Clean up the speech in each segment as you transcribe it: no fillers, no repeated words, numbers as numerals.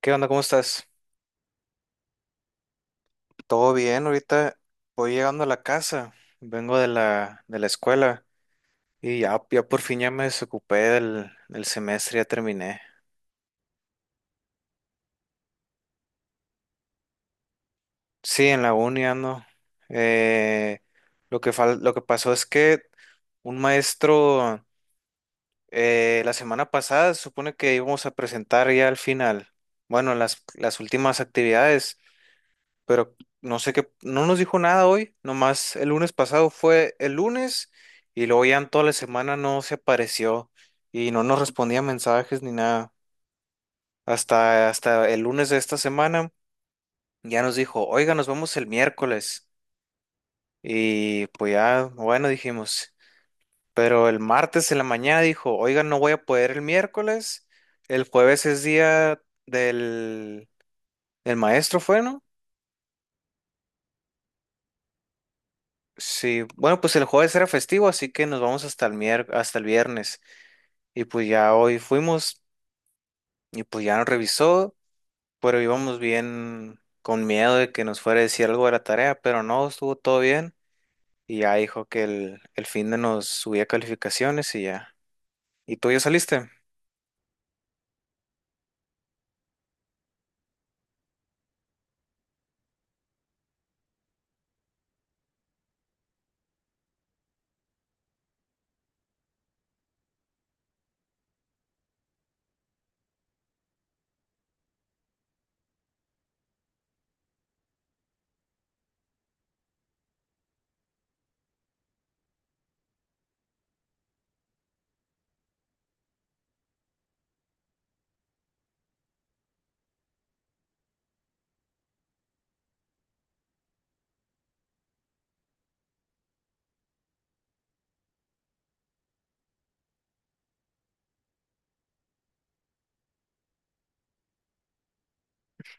¿Qué onda? ¿Cómo estás? ¿Todo bien? Ahorita voy llegando a la casa, vengo de la escuela y ya, ya por fin ya me desocupé del semestre, ya terminé. Sí, en la uni ando. Eh, lo que pasó es que un maestro la semana pasada se supone que íbamos a presentar ya al final, bueno, las últimas actividades, pero no sé qué, no nos dijo nada hoy, nomás el lunes pasado fue el lunes y luego ya en toda la semana no se apareció y no nos respondía mensajes ni nada. Hasta el lunes de esta semana ya nos dijo: oiga, nos vemos el miércoles. Y pues ya, bueno, dijimos. Pero el martes en la mañana dijo: oiga, no voy a poder el miércoles. El jueves es día del, del maestro, ¿fue, no? Sí, bueno, pues el jueves era festivo, así que nos vamos hasta el viernes. Y pues ya hoy fuimos y pues ya nos revisó, pero íbamos bien con miedo de que nos fuera a decir algo de la tarea, pero no, estuvo todo bien. Y ya dijo que el fin de nos subía calificaciones y ya. ¿Y tú ya saliste?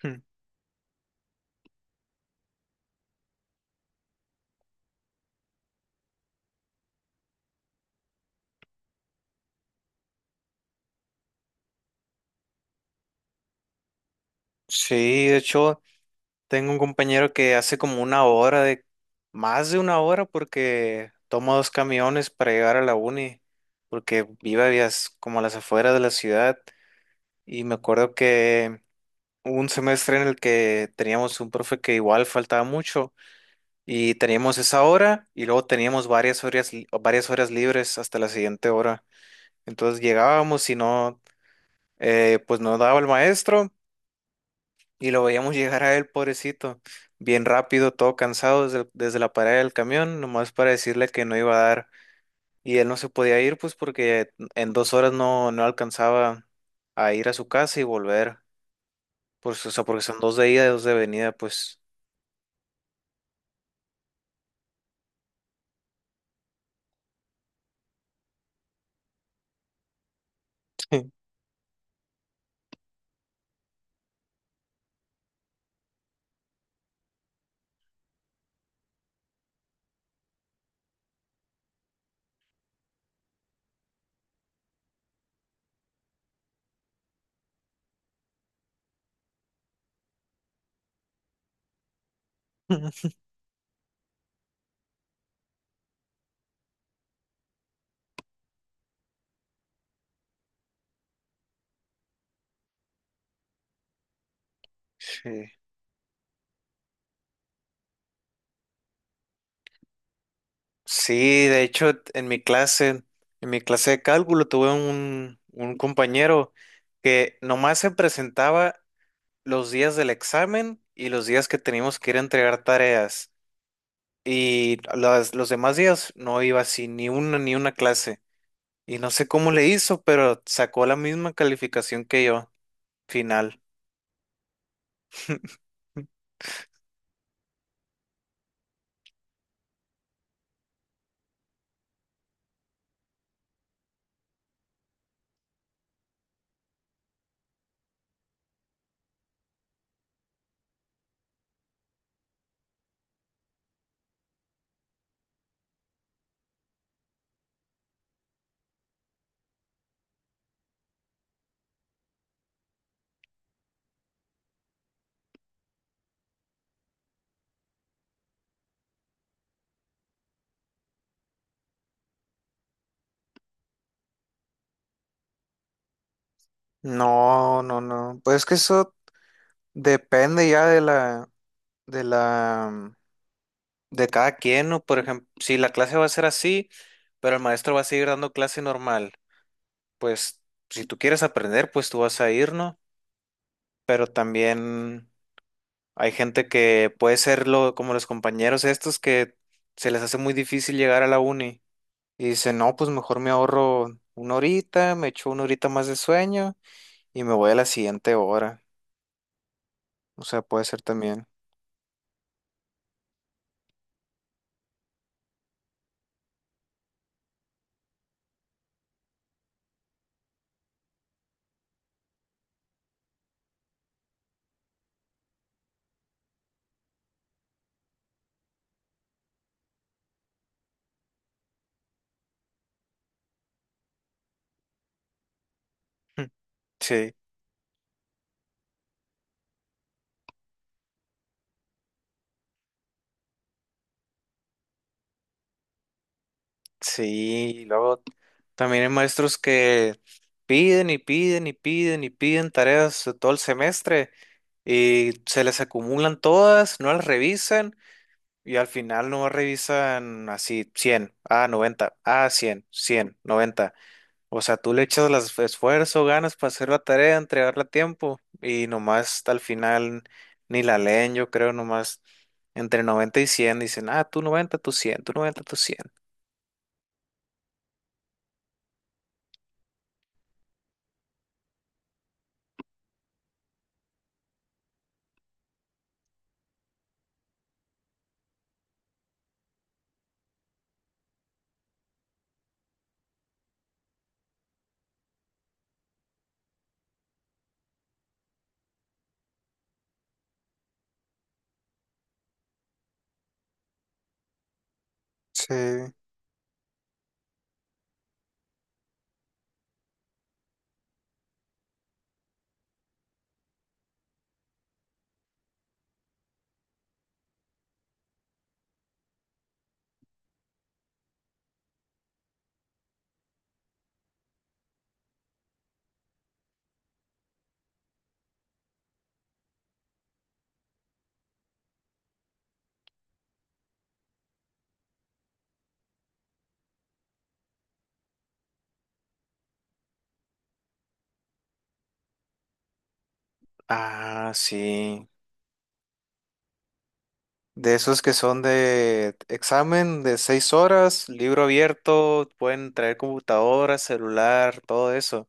Mm. Sí, de hecho. Tengo un compañero que hace como una hora de, más de una hora porque toma dos camiones para llegar a la uni, porque vive vías como a las afueras de la ciudad. Y me acuerdo que hubo un semestre en el que teníamos un profe que igual faltaba mucho y teníamos esa hora y luego teníamos varias horas, varias horas libres hasta la siguiente hora. Entonces llegábamos y no, pues no daba el maestro. Y lo veíamos llegar a él, pobrecito, bien rápido, todo cansado desde la parada del camión, nomás para decirle que no iba a dar. Y él no se podía ir, pues porque en dos horas no alcanzaba a ir a su casa y volver. Pues, o sea, porque son dos de ida y dos de venida, pues. Sí. Sí, de hecho, en mi clase de cálculo, tuve un compañero que nomás se presentaba los días del examen y los días que teníamos que ir a entregar tareas. Y los demás días no iba así, ni una clase. Y no sé cómo le hizo, pero sacó la misma calificación que yo, final. No, no, no. Pues es que eso depende ya de la, de cada quien, ¿no? Por ejemplo, si la clase va a ser así, pero el maestro va a seguir dando clase normal, pues si tú quieres aprender, pues tú vas a ir, ¿no? Pero también hay gente que puede ser como los compañeros estos que se les hace muy difícil llegar a la uni y dicen: no, pues mejor me ahorro una horita, me echo una horita más de sueño y me voy a la siguiente hora. O sea, puede ser también. Sí, sí, y luego también hay maestros que piden y piden y piden y piden tareas todo el semestre y se les acumulan todas, no las revisan. Y al final no revisan, así 100, ah, 90, ah, 100, 100, 90. O sea, tú le echas las esfuerzo, ganas para hacer la tarea, entregarla a tiempo y nomás hasta al final ni la leen, yo creo, nomás entre 90 y 100 dicen: ah, tú 90, tú 100, tú 90, tú cien. Sí. Ah, sí. De esos que son de examen de 6 horas, libro abierto, pueden traer computadora, celular, todo eso.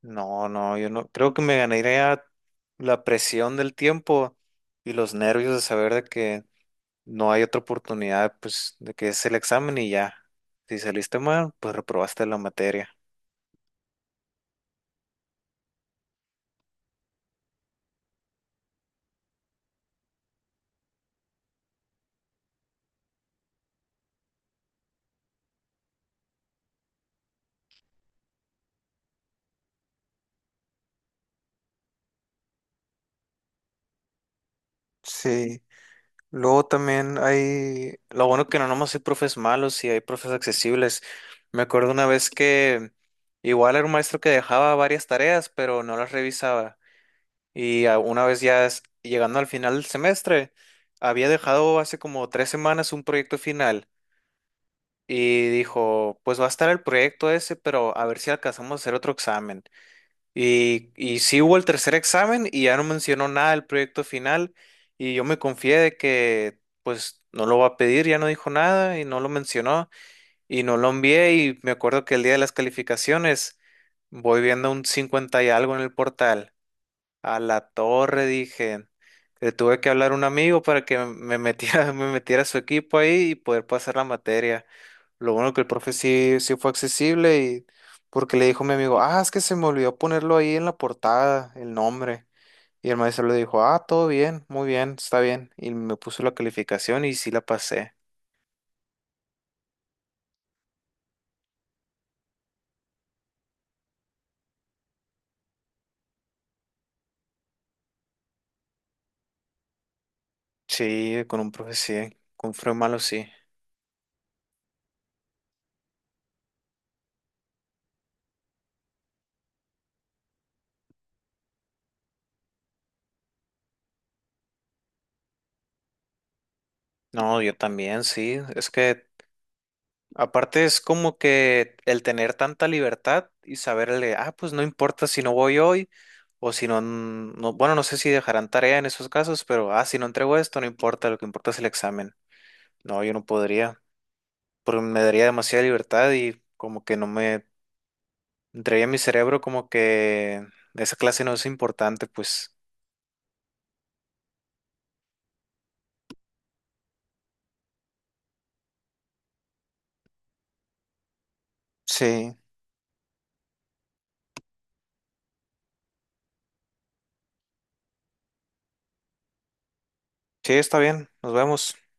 No, no, yo no. Creo que me ganaría la presión del tiempo y los nervios de saber de que no hay otra oportunidad, pues, de que es el examen y ya. Si saliste mal, pues reprobaste la materia. Sí. Luego también hay, lo bueno que no nomás hay profes malos, sí hay profes accesibles. Me acuerdo una vez que igual era un maestro que dejaba varias tareas, pero no las revisaba. Y una vez ya llegando al final del semestre, había dejado hace como tres semanas un proyecto final y dijo: pues va a estar el proyecto ese, pero a ver si alcanzamos a hacer otro examen. Y sí hubo el tercer examen y ya no mencionó nada del proyecto final y yo me confié de que pues no lo va a pedir, ya no dijo nada y no lo mencionó y no lo envié. Y me acuerdo que el día de las calificaciones voy viendo un 50 y algo en el portal. A la torre, dije. Le tuve que hablar a un amigo para que me metiera, me metiera a su equipo ahí y poder pasar la materia. Lo bueno que el profe sí, sí fue accesible, y porque le dijo a mi amigo: ah, es que se me olvidó ponerlo ahí en la portada, el nombre. Y el maestro le dijo: ah, todo bien, muy bien, está bien. Y me puso la calificación y sí la pasé. Sí, con un profe sí, con un profe malo sí. No, yo también sí. Es que aparte es como que el tener tanta libertad y saberle, ah, pues no importa si no voy hoy o si no, bueno, no sé si dejarán tarea en esos casos, pero, ah, si no entrego esto, no importa, lo que importa es el examen. No, yo no podría, porque me daría demasiada libertad y como que no me entraría en mi cerebro como que esa clase no es importante, pues. Sí, sí, está bien, nos vemos.